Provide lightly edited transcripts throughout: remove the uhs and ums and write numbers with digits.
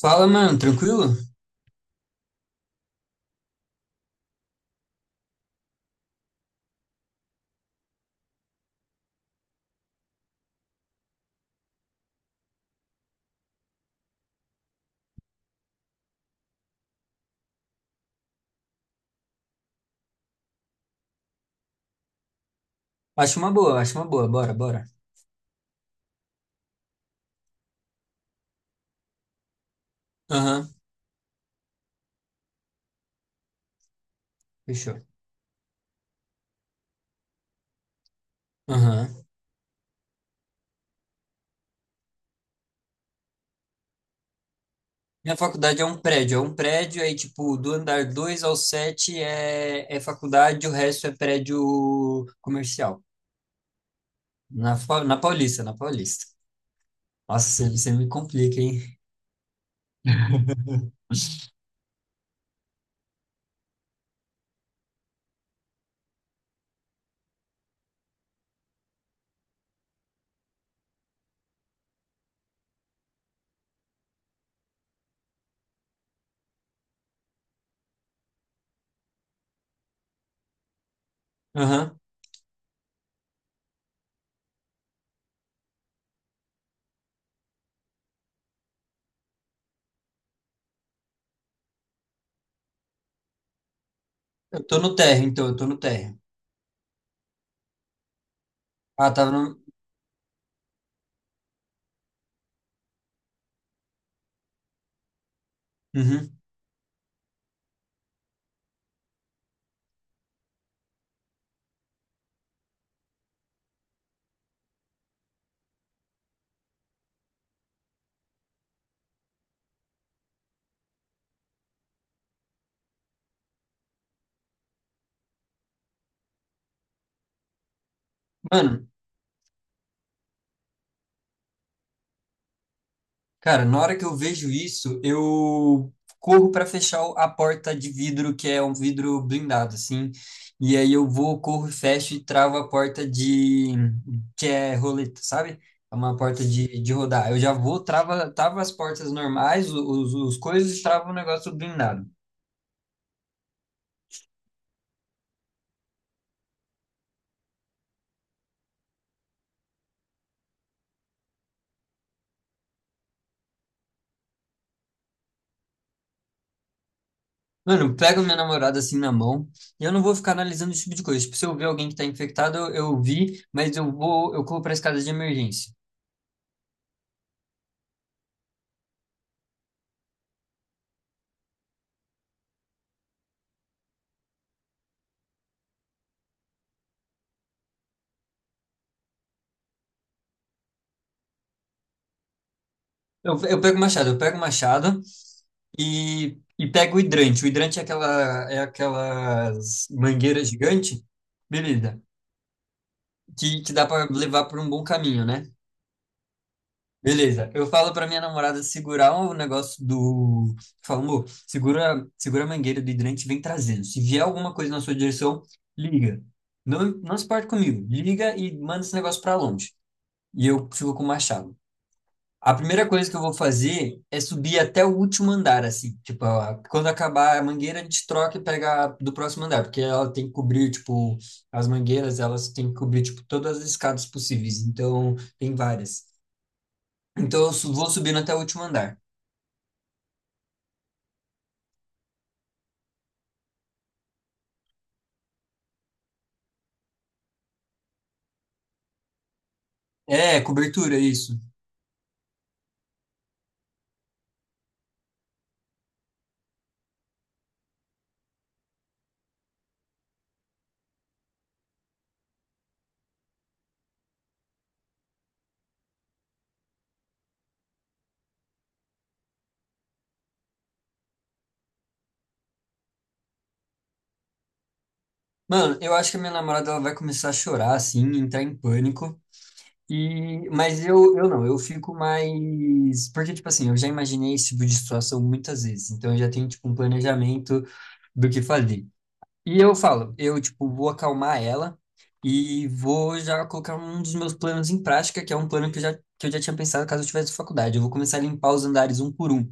Fala, mano, tranquilo? Acho uma boa, bora, bora. Aham, fechou. Aham. Minha faculdade é um prédio, aí, tipo, do andar 2 ao 7 é faculdade, o resto é prédio comercial. Na Paulista. Nossa, você me complica, hein? Aham. Eu tô no térreo, então, eu tô no térreo. Ah, tava no. Uhum. Mano, cara, na hora que eu vejo isso, eu corro para fechar a porta de vidro, que é um vidro blindado, assim. E aí corro, fecho e travo a porta que é roleta, sabe? É uma porta de rodar. Eu já trava as portas normais, os coisas, e travo o negócio blindado. Mano, eu pego minha namorada assim na mão e eu não vou ficar analisando esse tipo de coisa. Tipo, se eu ver alguém que tá infectado, eu vi, mas eu corro pra escada de emergência. Eu pego o machado, eu pego o machado, e pega o hidrante. O hidrante é aquelas mangueiras gigante, beleza, que dá para levar por um bom caminho, né? Beleza, eu falo para minha namorada segurar o negócio do. Falo, amor, segura, segura a mangueira do hidrante e vem trazendo. Se vier alguma coisa na sua direção, liga. Não, não se parte comigo. Liga e manda esse negócio para longe. E eu fico com o machado. A primeira coisa que eu vou fazer é subir até o último andar, assim. Tipo, quando acabar a mangueira, a gente troca e pega a do próximo andar, porque ela tem que cobrir, tipo, as mangueiras, elas têm que cobrir, tipo, todas as escadas possíveis. Então, tem várias. Então, eu vou subindo até o último andar. É, cobertura, isso. Mano, eu acho que a minha namorada, ela vai começar a chorar, assim, entrar em pânico. E, mas eu não, eu fico mais. Porque, tipo assim, eu já imaginei esse tipo de situação muitas vezes. Então, eu já tenho, tipo, um planejamento do que fazer. E eu falo, eu, tipo, vou acalmar ela e vou já colocar um dos meus planos em prática, que é um plano que eu já tinha pensado caso eu tivesse faculdade. Eu vou começar a limpar os andares um por um.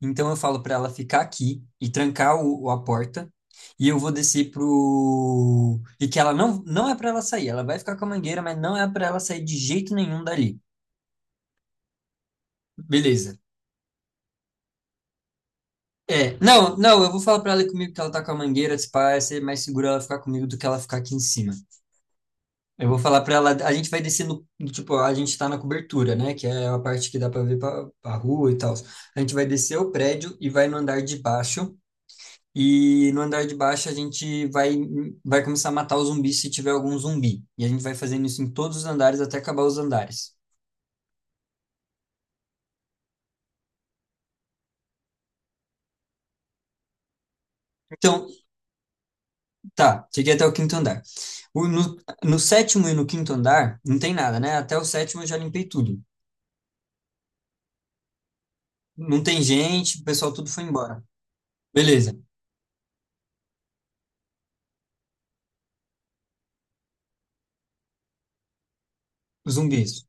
Então eu falo para ela ficar aqui e trancar a porta. E eu vou descer pro. E que ela não, não é para ela sair. Ela vai ficar com a mangueira, mas não é para ela sair de jeito nenhum dali. Beleza. É, não, não, eu vou falar pra ela ir comigo que ela tá com a mangueira, se pá, vai ser mais seguro ela ficar comigo do que ela ficar aqui em cima. Eu vou falar pra ela, a gente vai descer tipo, a gente tá na cobertura, né, que é a parte que dá pra ver pra, pra rua e tal. A gente vai descer o prédio e vai no andar de baixo, e no andar de baixo a gente vai começar a matar os zumbis se tiver algum zumbi. E a gente vai fazendo isso em todos os andares até acabar os andares. Então, tá, cheguei até o quinto andar. O- no, no sétimo e no quinto andar, não tem nada, né? Até o sétimo eu já limpei tudo. Não tem gente, o pessoal tudo foi embora. Beleza, zumbis.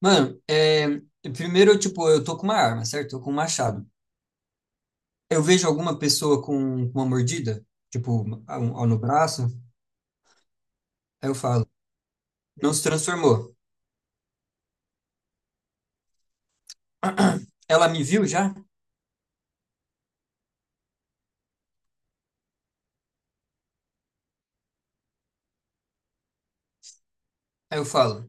Mano, é, primeiro, tipo, eu tô com uma arma, certo? Tô com um machado. Eu vejo alguma pessoa com uma mordida, tipo, no braço, aí eu falo, não se transformou. Ela me viu já? Aí eu falo,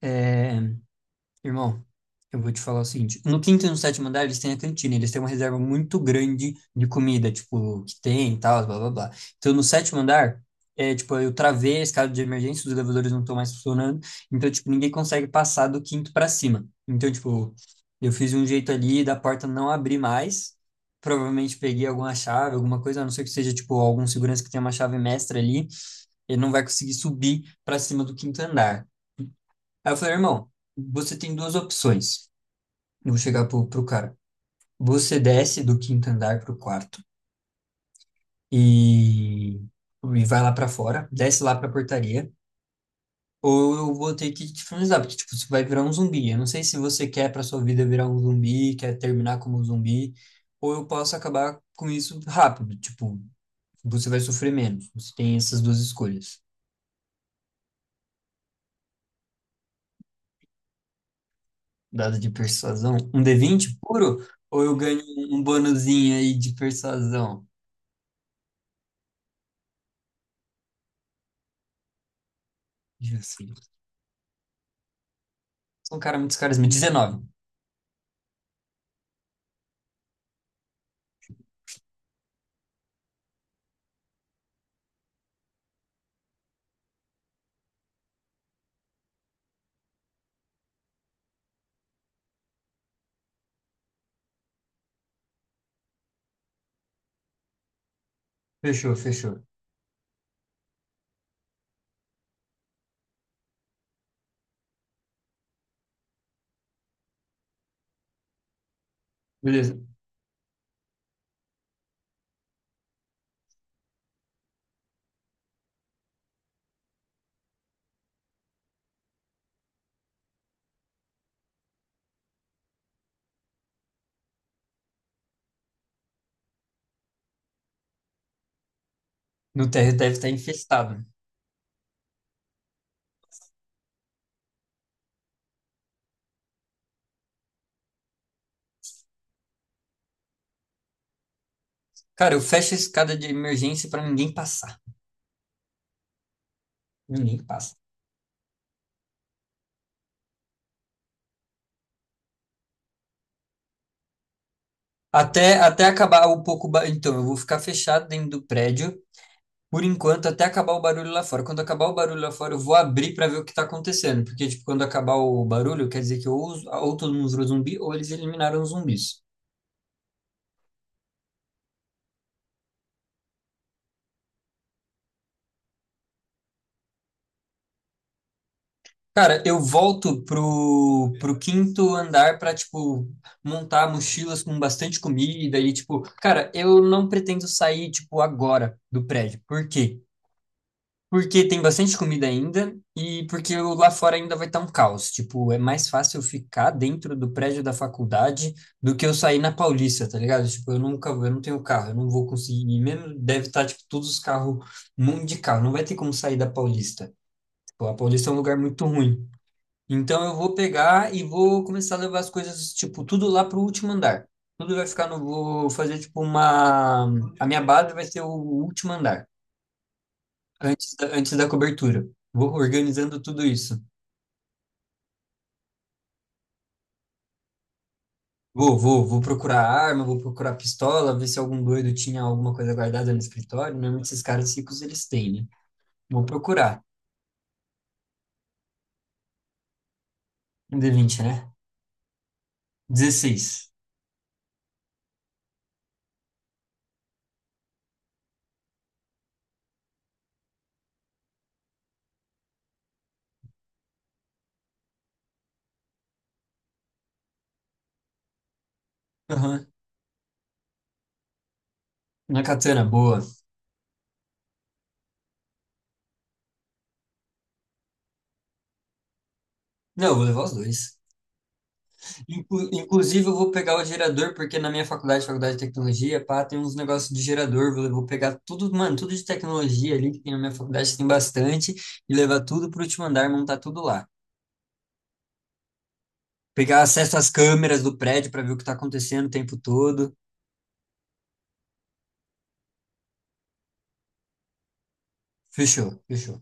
"É, irmão, eu vou te falar o seguinte, no quinto e no sétimo andar eles têm a cantina, eles têm uma reserva muito grande de comida, tipo, que tem e tal, blá blá blá. Então no sétimo andar, é tipo, eu travei a escada de emergência, os elevadores não estão mais funcionando, então tipo, ninguém consegue passar do quinto pra cima. Então tipo, eu fiz um jeito ali da porta não abrir mais, provavelmente peguei alguma chave, alguma coisa, a não ser que seja tipo algum segurança que tenha uma chave mestra ali, ele não vai conseguir subir pra cima do quinto andar. Aí eu falei, irmão, você tem duas opções. Eu vou chegar pro cara. Você desce do quinto andar pro quarto e vai lá pra fora, desce lá pra portaria, ou eu vou ter que te finalizar, porque tipo, você vai virar um zumbi. Eu não sei se você quer pra sua vida virar um zumbi, quer terminar como um zumbi, ou eu posso acabar com isso rápido, tipo, você vai sofrer menos. Você tem essas duas escolhas. Dado de persuasão, um d20 puro, ou eu ganho um bonuzinho aí de persuasão? Deixa eu ver se- sou um cara muito carisma. 19. Fechou, fechou. Beleza. No térreo deve estar infestado. Cara, eu fecho a escada de emergência pra ninguém passar. Ninguém passa. Até acabar o pouco. Então, eu vou ficar fechado dentro do prédio, por enquanto, até acabar o barulho lá fora. Quando acabar o barulho lá fora, eu vou abrir pra ver o que tá acontecendo. Porque, tipo, quando acabar o barulho, quer dizer que ou todo mundo virou zumbi, ou eles eliminaram os zumbis. Cara, eu volto pro quinto andar pra, tipo, montar mochilas com bastante comida e, tipo, cara, eu não pretendo sair, tipo, agora do prédio. Por quê? Porque tem bastante comida ainda e porque lá fora ainda vai estar um caos. Tipo, é mais fácil eu ficar dentro do prédio da faculdade do que eu sair na Paulista, tá ligado? Tipo, eu nunca, eu não tenho carro, eu não vou conseguir. E mesmo deve estar, tipo, todos os carros, um monte de carro. Não vai ter como sair da Paulista. Tipo, a Paulista é um lugar muito ruim. Então eu vou pegar e vou começar a levar as coisas, tipo, tudo lá pro último andar. Tudo vai ficar no. Vou fazer, tipo, uma. A minha base vai ser o último andar, antes da cobertura. Vou organizando tudo isso. Vou procurar arma, vou procurar pistola, ver se algum doido tinha alguma coisa guardada no escritório. Normalmente esses caras ricos eles têm, né? Vou procurar. Um d vinte, né? 16. Aham. Na katana, boa. Não, eu vou levar os dois. Inclusive, eu vou pegar o gerador, porque na minha faculdade, faculdade de tecnologia, pá, tem uns negócios de gerador. Vou pegar tudo, mano, tudo de tecnologia ali, que tem na minha faculdade, tem bastante, e levar tudo pro último andar, montar tudo lá. Pegar acesso às câmeras do prédio para ver o que tá acontecendo o tempo todo. Fechou, fechou.